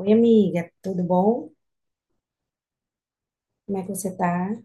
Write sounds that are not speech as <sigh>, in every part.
Oi, amiga, tudo bom? Como é que você tá?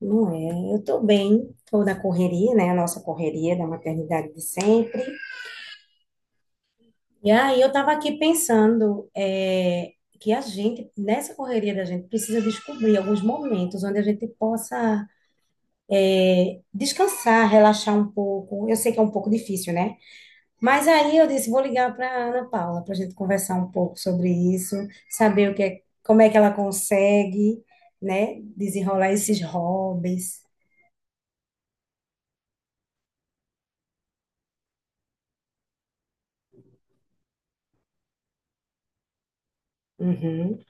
Não é? Eu tô bem, tô na correria, né? A nossa correria da maternidade de sempre. E aí eu tava aqui pensando, que a gente, nessa correria da gente, precisa descobrir alguns momentos onde a gente possa descansar, relaxar um pouco. Eu sei que é um pouco difícil, né? Mas aí eu disse, vou ligar para a Ana Paula para a gente conversar um pouco sobre isso, saber o que é, como é que ela consegue, né, desenrolar esses hobbies. Uhum,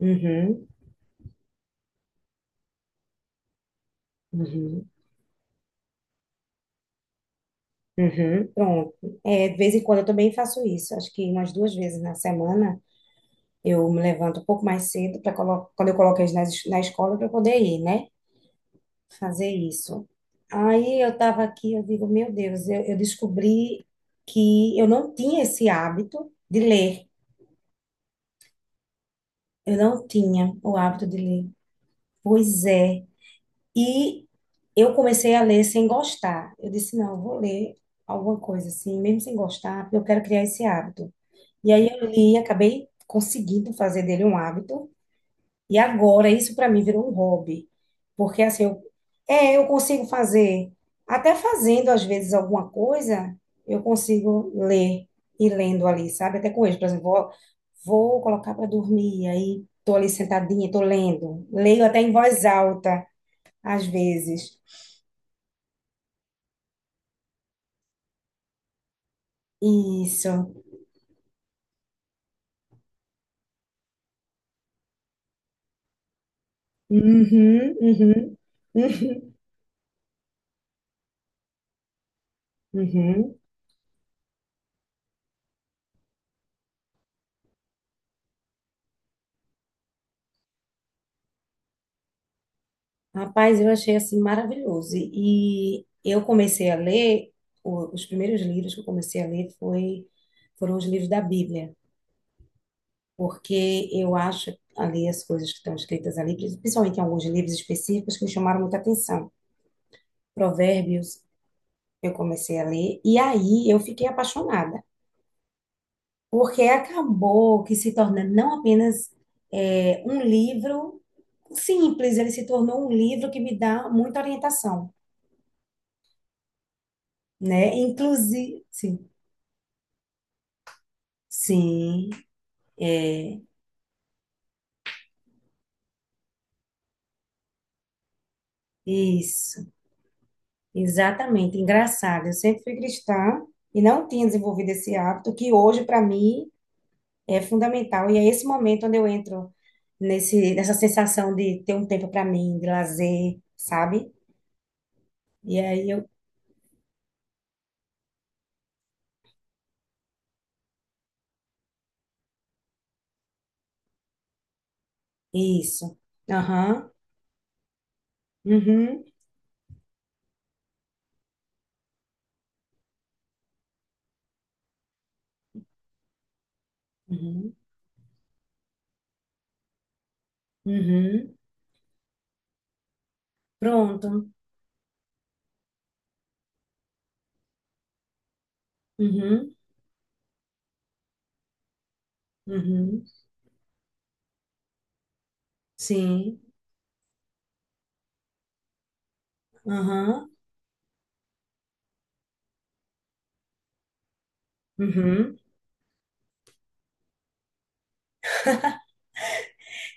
uhum, uhum, uhum. Pronto. É, de vez em quando eu também faço isso. Acho que umas duas vezes na semana eu me levanto um pouco mais cedo para quando eu coloco eles na escola para poder ir, né, fazer isso. Aí eu estava aqui, eu digo, meu Deus, eu descobri que eu não tinha esse hábito de ler. Eu não tinha o hábito de ler. Pois é. E eu comecei a ler sem gostar. Eu disse, não, eu vou ler alguma coisa assim, mesmo sem gostar, porque eu quero criar esse hábito. E aí eu li, acabei conseguindo fazer dele um hábito. E agora, isso para mim virou um hobby. Porque assim, eu consigo fazer, até fazendo às vezes alguma coisa, eu consigo ler e lendo ali, sabe? Até com eles, por exemplo, vou colocar para dormir, aí tô ali sentadinha, tô lendo. Leio até em voz alta, às vezes. Isso. Uhum, uhum, uhum, uhum. Rapaz, eu achei assim maravilhoso. E eu comecei a ler, os primeiros livros que eu comecei a ler, foram os livros da Bíblia, porque eu acho ali as coisas que estão escritas ali, principalmente em alguns livros específicos que me chamaram muita atenção. Provérbios, eu comecei a ler, e aí eu fiquei apaixonada, porque acabou que se tornando não apenas um livro simples, ele se tornou um livro que me dá muita orientação, né? Inclusive, sim, é isso, exatamente. Engraçado, eu sempre fui cristã e não tinha desenvolvido esse hábito que hoje para mim é fundamental. E é esse momento onde eu entro nessa sensação de ter um tempo para mim, de lazer, sabe? E aí eu isso. Aham. Uhum. Uhum. Uhum. Pronto. Uhum. Uhum. Sim. Aham. Uhum.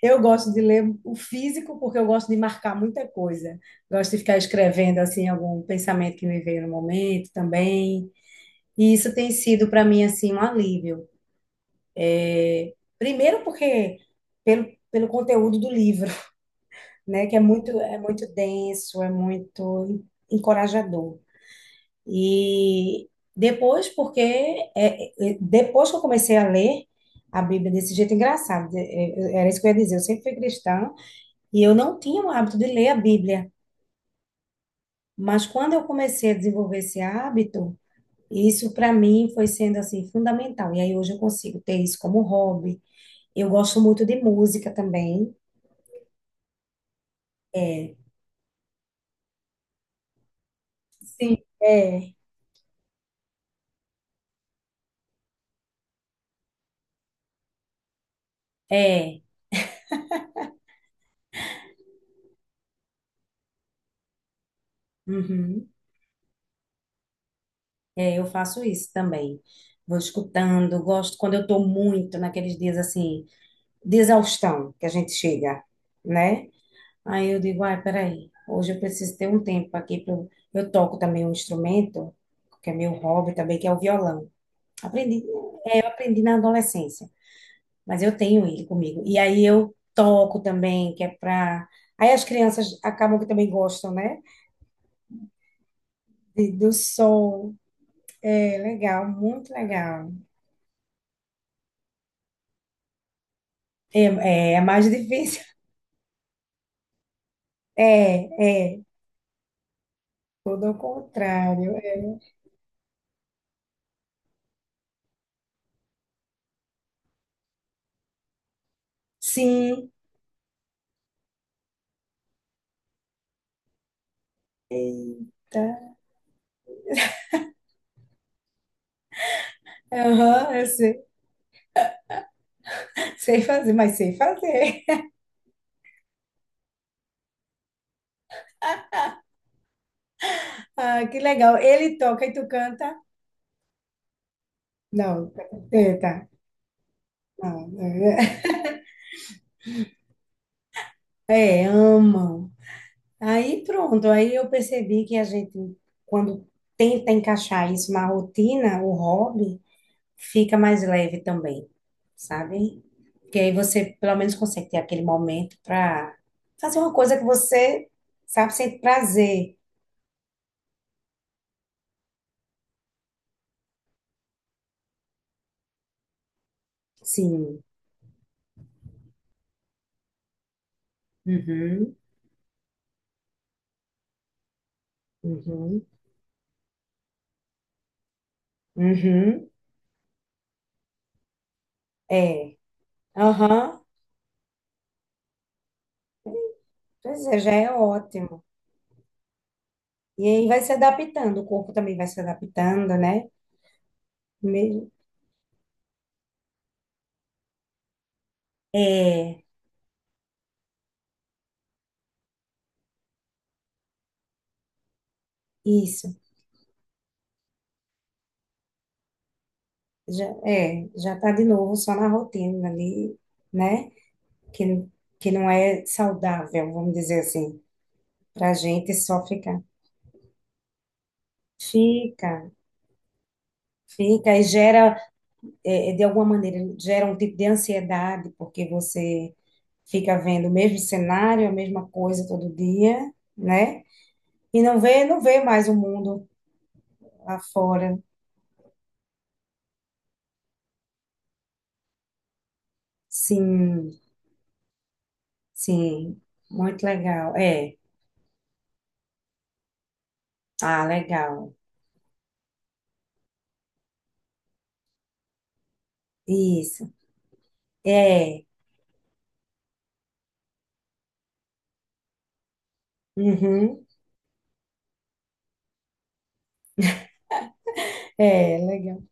Eu gosto de ler o físico porque eu gosto de marcar muita coisa. Gosto de ficar escrevendo assim algum pensamento que me veio no momento também. E isso tem sido para mim assim um alívio. Primeiro porque pelo conteúdo do livro, <laughs> né, que é muito denso, é muito encorajador. E depois depois que eu comecei a ler a Bíblia desse jeito engraçado, era isso que eu ia dizer. Eu sempre fui cristã e eu não tinha o hábito de ler a Bíblia. Mas quando eu comecei a desenvolver esse hábito, isso para mim foi sendo assim fundamental. E aí hoje eu consigo ter isso como hobby. Eu gosto muito de música também. Sim, é. É, uhum, é, eu faço isso também. Vou escutando, gosto quando eu estou muito naqueles dias assim, de exaustão que a gente chega, né? Aí eu digo, ai, peraí, hoje eu preciso ter um tempo aqui para eu toco também um instrumento, que é meu hobby também, que é o violão. Aprendi, Aprendi na adolescência, mas eu tenho ele comigo. E aí eu toco também, que é pra. Aí as crianças acabam que também gostam, né? Do som. É legal, muito legal. É, é mais difícil. <laughs> É, é, tudo ao contrário. É, sim. Eita. Aham, eu sei. Sei fazer, mas sei fazer. <laughs> Ah, que legal. Ele toca e tu canta? Não, eita. Não, é, é, amam. Aí pronto, aí eu percebi que a gente, quando tenta encaixar isso na rotina, o hobby, fica mais leve também, sabe? Porque aí você pelo menos consegue ter aquele momento para fazer uma coisa que você sabe sente prazer. Sim. Uhum, uhum, uhum. É. Aham. Pois é, já é ótimo. E aí vai se adaptando, o corpo também vai se adaptando, né? Mesmo. É, isso. Já, é, já tá de novo só na rotina ali, né? Que, que não é saudável, vamos dizer assim, pra gente só ficar. Fica, fica e gera, de alguma maneira, gera um tipo de ansiedade, porque você fica vendo o mesmo cenário, a mesma coisa todo dia, né? E não vê mais o mundo lá fora. Sim, sim, muito legal. É, ah, legal. Isso. É. Uhum. É, legal.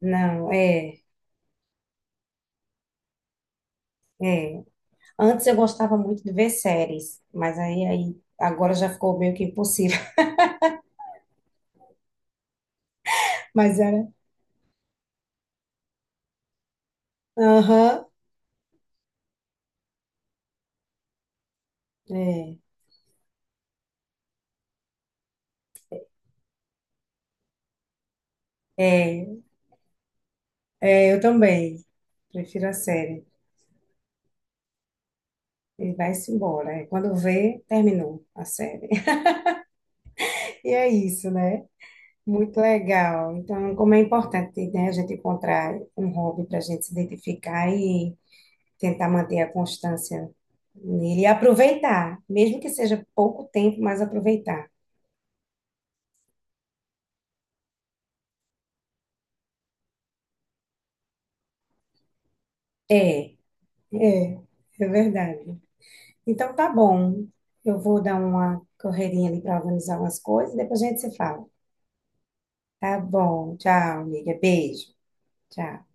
Não, é, é. Antes eu gostava muito de ver séries, mas aí agora já ficou meio que impossível. <laughs> Mas era. Aham, é, é, eu também. Prefiro a série. E vai-se embora. É. Quando vê, terminou a série. <laughs> E é isso, né? Muito legal. Então, como é importante, né, a gente encontrar um hobby para a gente se identificar, tentar manter a constância nele e aproveitar, mesmo que seja pouco tempo, mas aproveitar. É, é, é verdade. Então tá bom. Eu vou dar uma correrinha ali para organizar umas coisas e depois a gente se fala. Tá bom. Tchau, amiga. Beijo. Tchau.